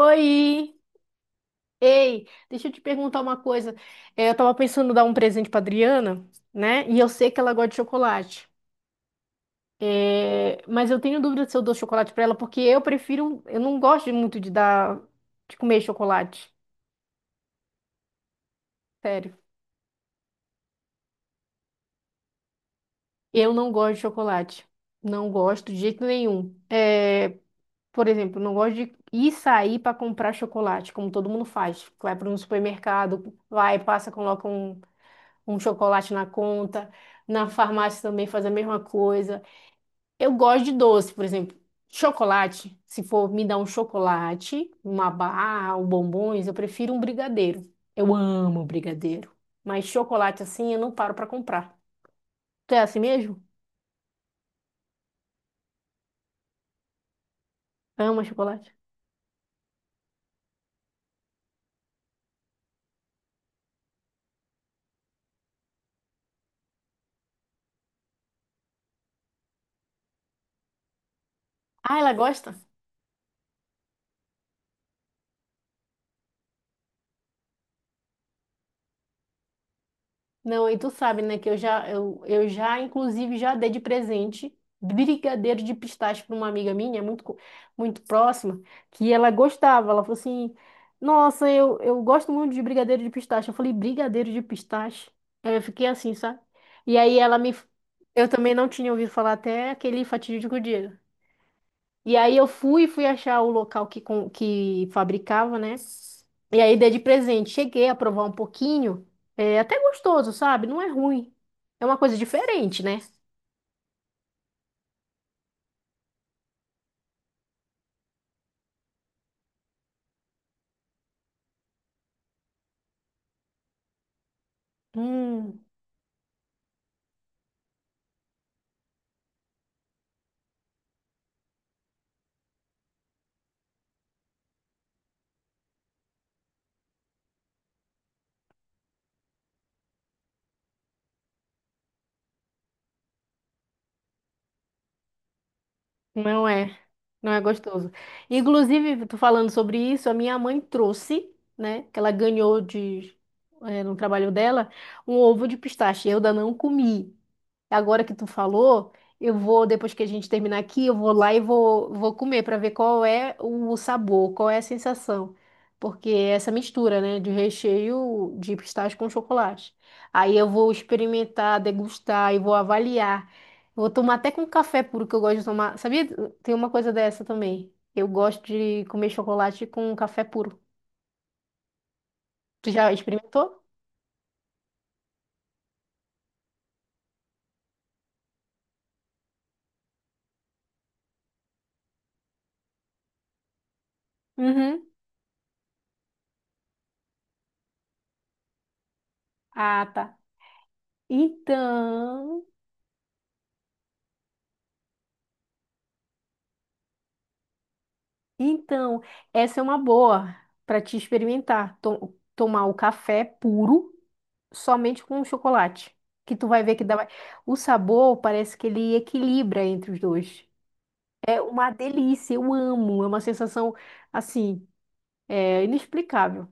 Oi! Ei, deixa eu te perguntar uma coisa. É, eu tava pensando em dar um presente pra Adriana, né? E eu sei que ela gosta de chocolate. É, mas eu tenho dúvida se eu dou chocolate pra ela, porque eu prefiro. Eu não gosto muito de dar, de comer chocolate. Sério. Eu não gosto de chocolate. Não gosto de jeito nenhum. É, por exemplo, não gosto de ir sair para comprar chocolate, como todo mundo faz. Vai para um supermercado, vai, passa, coloca um. Um chocolate na conta. Na farmácia também faz a mesma coisa. Eu gosto de doce, por exemplo, chocolate. Se for me dar um chocolate, uma barra, um bombons, eu prefiro um brigadeiro. Eu amo brigadeiro. Mas chocolate assim eu não paro pra comprar. Tu é assim mesmo? Ama chocolate? Ah, ela gosta? Não, e tu sabe, né, que eu já, inclusive, já dei de presente brigadeiro de pistache para uma amiga minha, muito, muito próxima, que ela gostava. Ela falou assim: Nossa, eu gosto muito de brigadeiro de pistache. Eu falei: Brigadeiro de pistache? Aí eu fiquei assim, sabe? E aí ela me. Eu também não tinha ouvido falar até aquele fatídico dia. E aí fui achar o local que fabricava, né? E aí dei de presente. Cheguei a provar um pouquinho. É até gostoso, sabe? Não é ruim. É uma coisa diferente, né? Hum, não é. Não é gostoso. Inclusive, tô falando sobre isso, a minha mãe trouxe, né? Que ela ganhou no trabalho dela, um ovo de pistache. Eu ainda não comi. Agora que tu falou, eu vou, depois que a gente terminar aqui, eu vou lá e vou comer para ver qual é o sabor, qual é a sensação. Porque é essa mistura, né, de recheio de pistache com chocolate. Aí eu vou experimentar, degustar e vou avaliar. Vou tomar até com café puro, que eu gosto de tomar. Sabia? Tem uma coisa dessa também. Eu gosto de comer chocolate com café puro. Tu já experimentou? Uhum. Ah, tá. Então. Então, essa é uma boa para te experimentar. To- tomar o café puro somente com o chocolate. Que tu vai ver que dá. O sabor parece que ele equilibra entre os dois. É uma delícia, eu amo. É uma sensação assim, é inexplicável,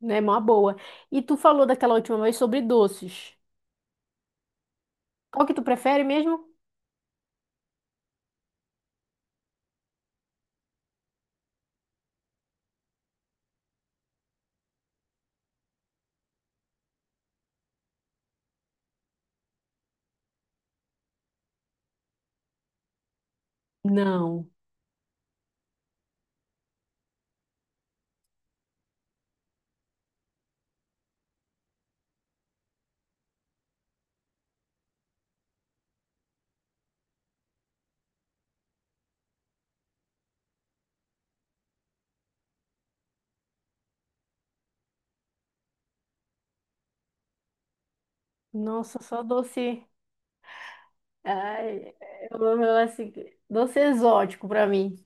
né? Uma boa. E tu falou daquela última vez sobre doces. Qual que tu prefere mesmo? Não. Nossa, só doce. Ai, assim, doce exótico para mim.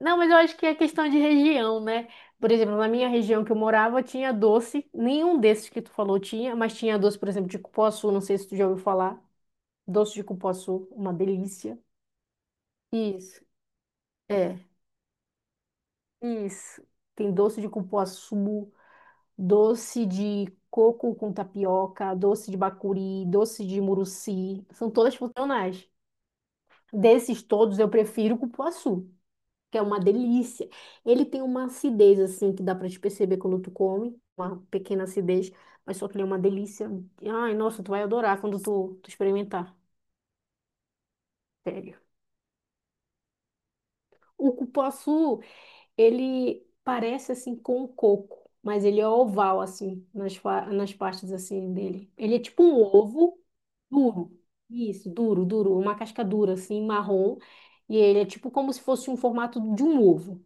Não, mas eu acho que é questão de região, né? Por exemplo, na minha região que eu morava, tinha doce. Nenhum desses que tu falou tinha, mas tinha doce, por exemplo, de cupuaçu. Não sei se tu já ouviu falar. Doce de cupuaçu, uma delícia. Isso, é, isso. Tem doce de cupuaçu, doce de coco com tapioca, doce de bacuri, doce de muruci. São todas funcionais. Desses todos, eu prefiro cupuaçu, que é uma delícia. Ele tem uma acidez, assim, que dá pra te perceber quando tu come, uma pequena acidez, mas só que ele é uma delícia. Ai, nossa, tu vai adorar quando tu experimentar, sério. O cupuaçu, ele parece, assim, com o coco, mas ele é oval, assim, nas partes, assim, dele. Ele é tipo um ovo duro. Isso, duro, duro, uma casca dura, assim, marrom. E ele é tipo como se fosse um formato de um ovo.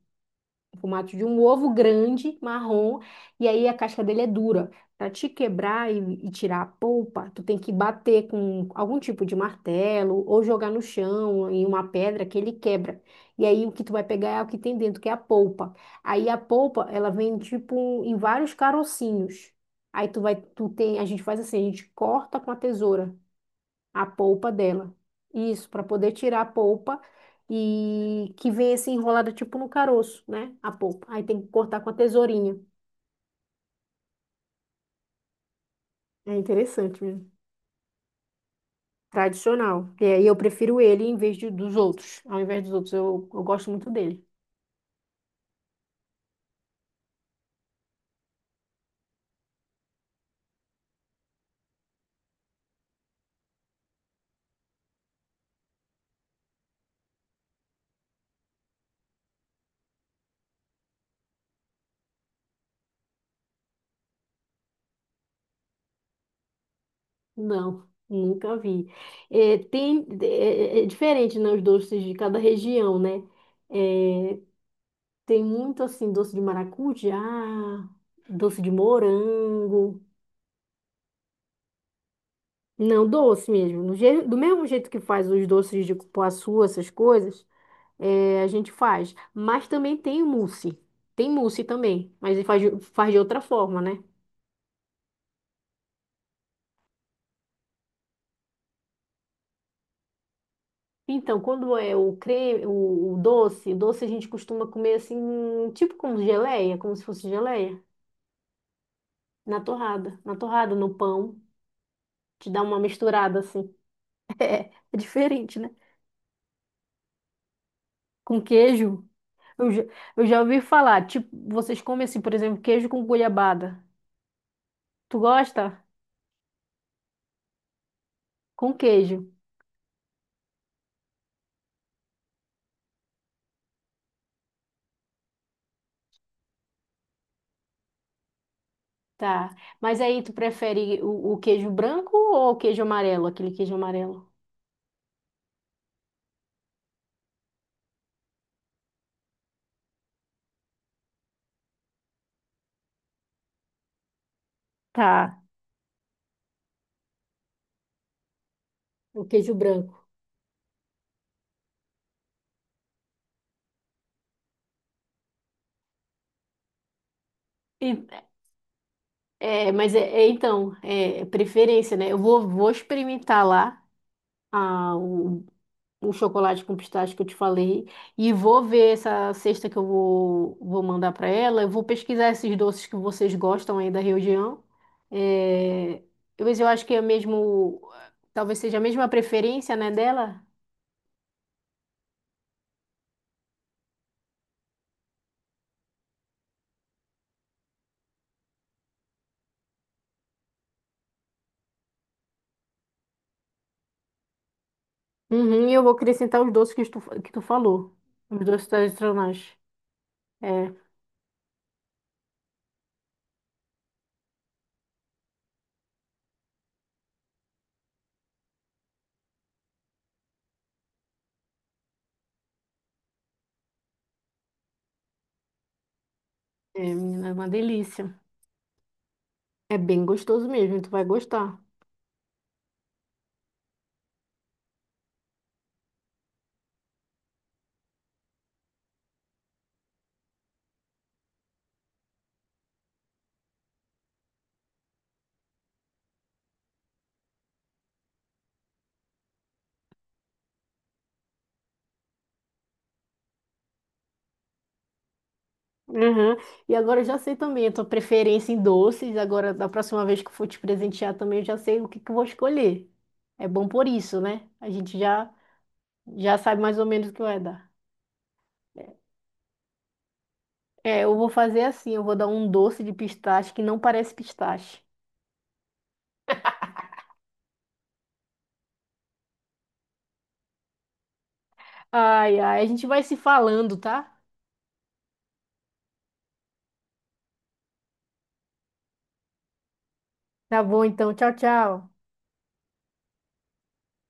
O formato de um ovo grande, marrom, e aí a casca dele é dura. Para te quebrar e tirar a polpa, tu tem que bater com algum tipo de martelo ou jogar no chão em uma pedra que ele quebra. E aí o que tu vai pegar é o que tem dentro, que é a polpa. Aí a polpa, ela vem tipo em vários carocinhos. Aí tu tem, a gente faz assim, a gente corta com a tesoura a polpa dela. Isso, para poder tirar a polpa e que vem assim enrolada tipo no caroço, né? A polpa. Aí tem que cortar com a tesourinha. É interessante mesmo. Tradicional. E aí eu prefiro ele dos outros. Ao invés dos outros, eu gosto muito dele. Não, nunca vi. É, tem, é, é é diferente, né, os doces de cada região, né? É, tem muito assim, doce de maracujá, doce de morango. Não, doce mesmo. Do mesmo jeito que faz os doces de cupuaçu, essas coisas, a gente faz. Mas também tem o mousse. Tem mousse também, mas ele faz de outra forma, né? Então, quando é o creme, o doce, doce a gente costuma comer assim, tipo como geleia, como se fosse geleia, na torrada. Na torrada, no pão, te dá uma misturada assim. É diferente, né? Com queijo. Eu já, eu já ouvi falar, tipo, vocês comem assim, por exemplo, queijo com goiabada. Tu gosta? Com queijo, tá. Mas aí tu prefere o queijo branco ou o queijo amarelo? Aquele queijo amarelo. Tá. O queijo branco. E- então, é preferência, né? Vou experimentar lá a, o, o chocolate com pistache que eu te falei e vou ver essa cesta que vou mandar para ela. Eu vou pesquisar esses doces que vocês gostam aí da região. É, mas eu acho que é mesmo, talvez seja a mesma preferência, né, dela. Uhum, e eu vou acrescentar os doces que tu falou. Os doces tradicionais. É, menina, é uma delícia. É bem gostoso mesmo, tu vai gostar. Uhum. E agora eu já sei também a tua preferência em doces. Agora, da próxima vez que eu for te presentear também, eu já sei o que que eu vou escolher. É bom por isso, né? A gente já, já sabe mais ou menos o que vai dar. Eu vou fazer assim, eu vou dar um doce de pistache que não parece pistache. Ai, ai, a gente vai se falando, tá? Tá bom, então. Tchau, tchau.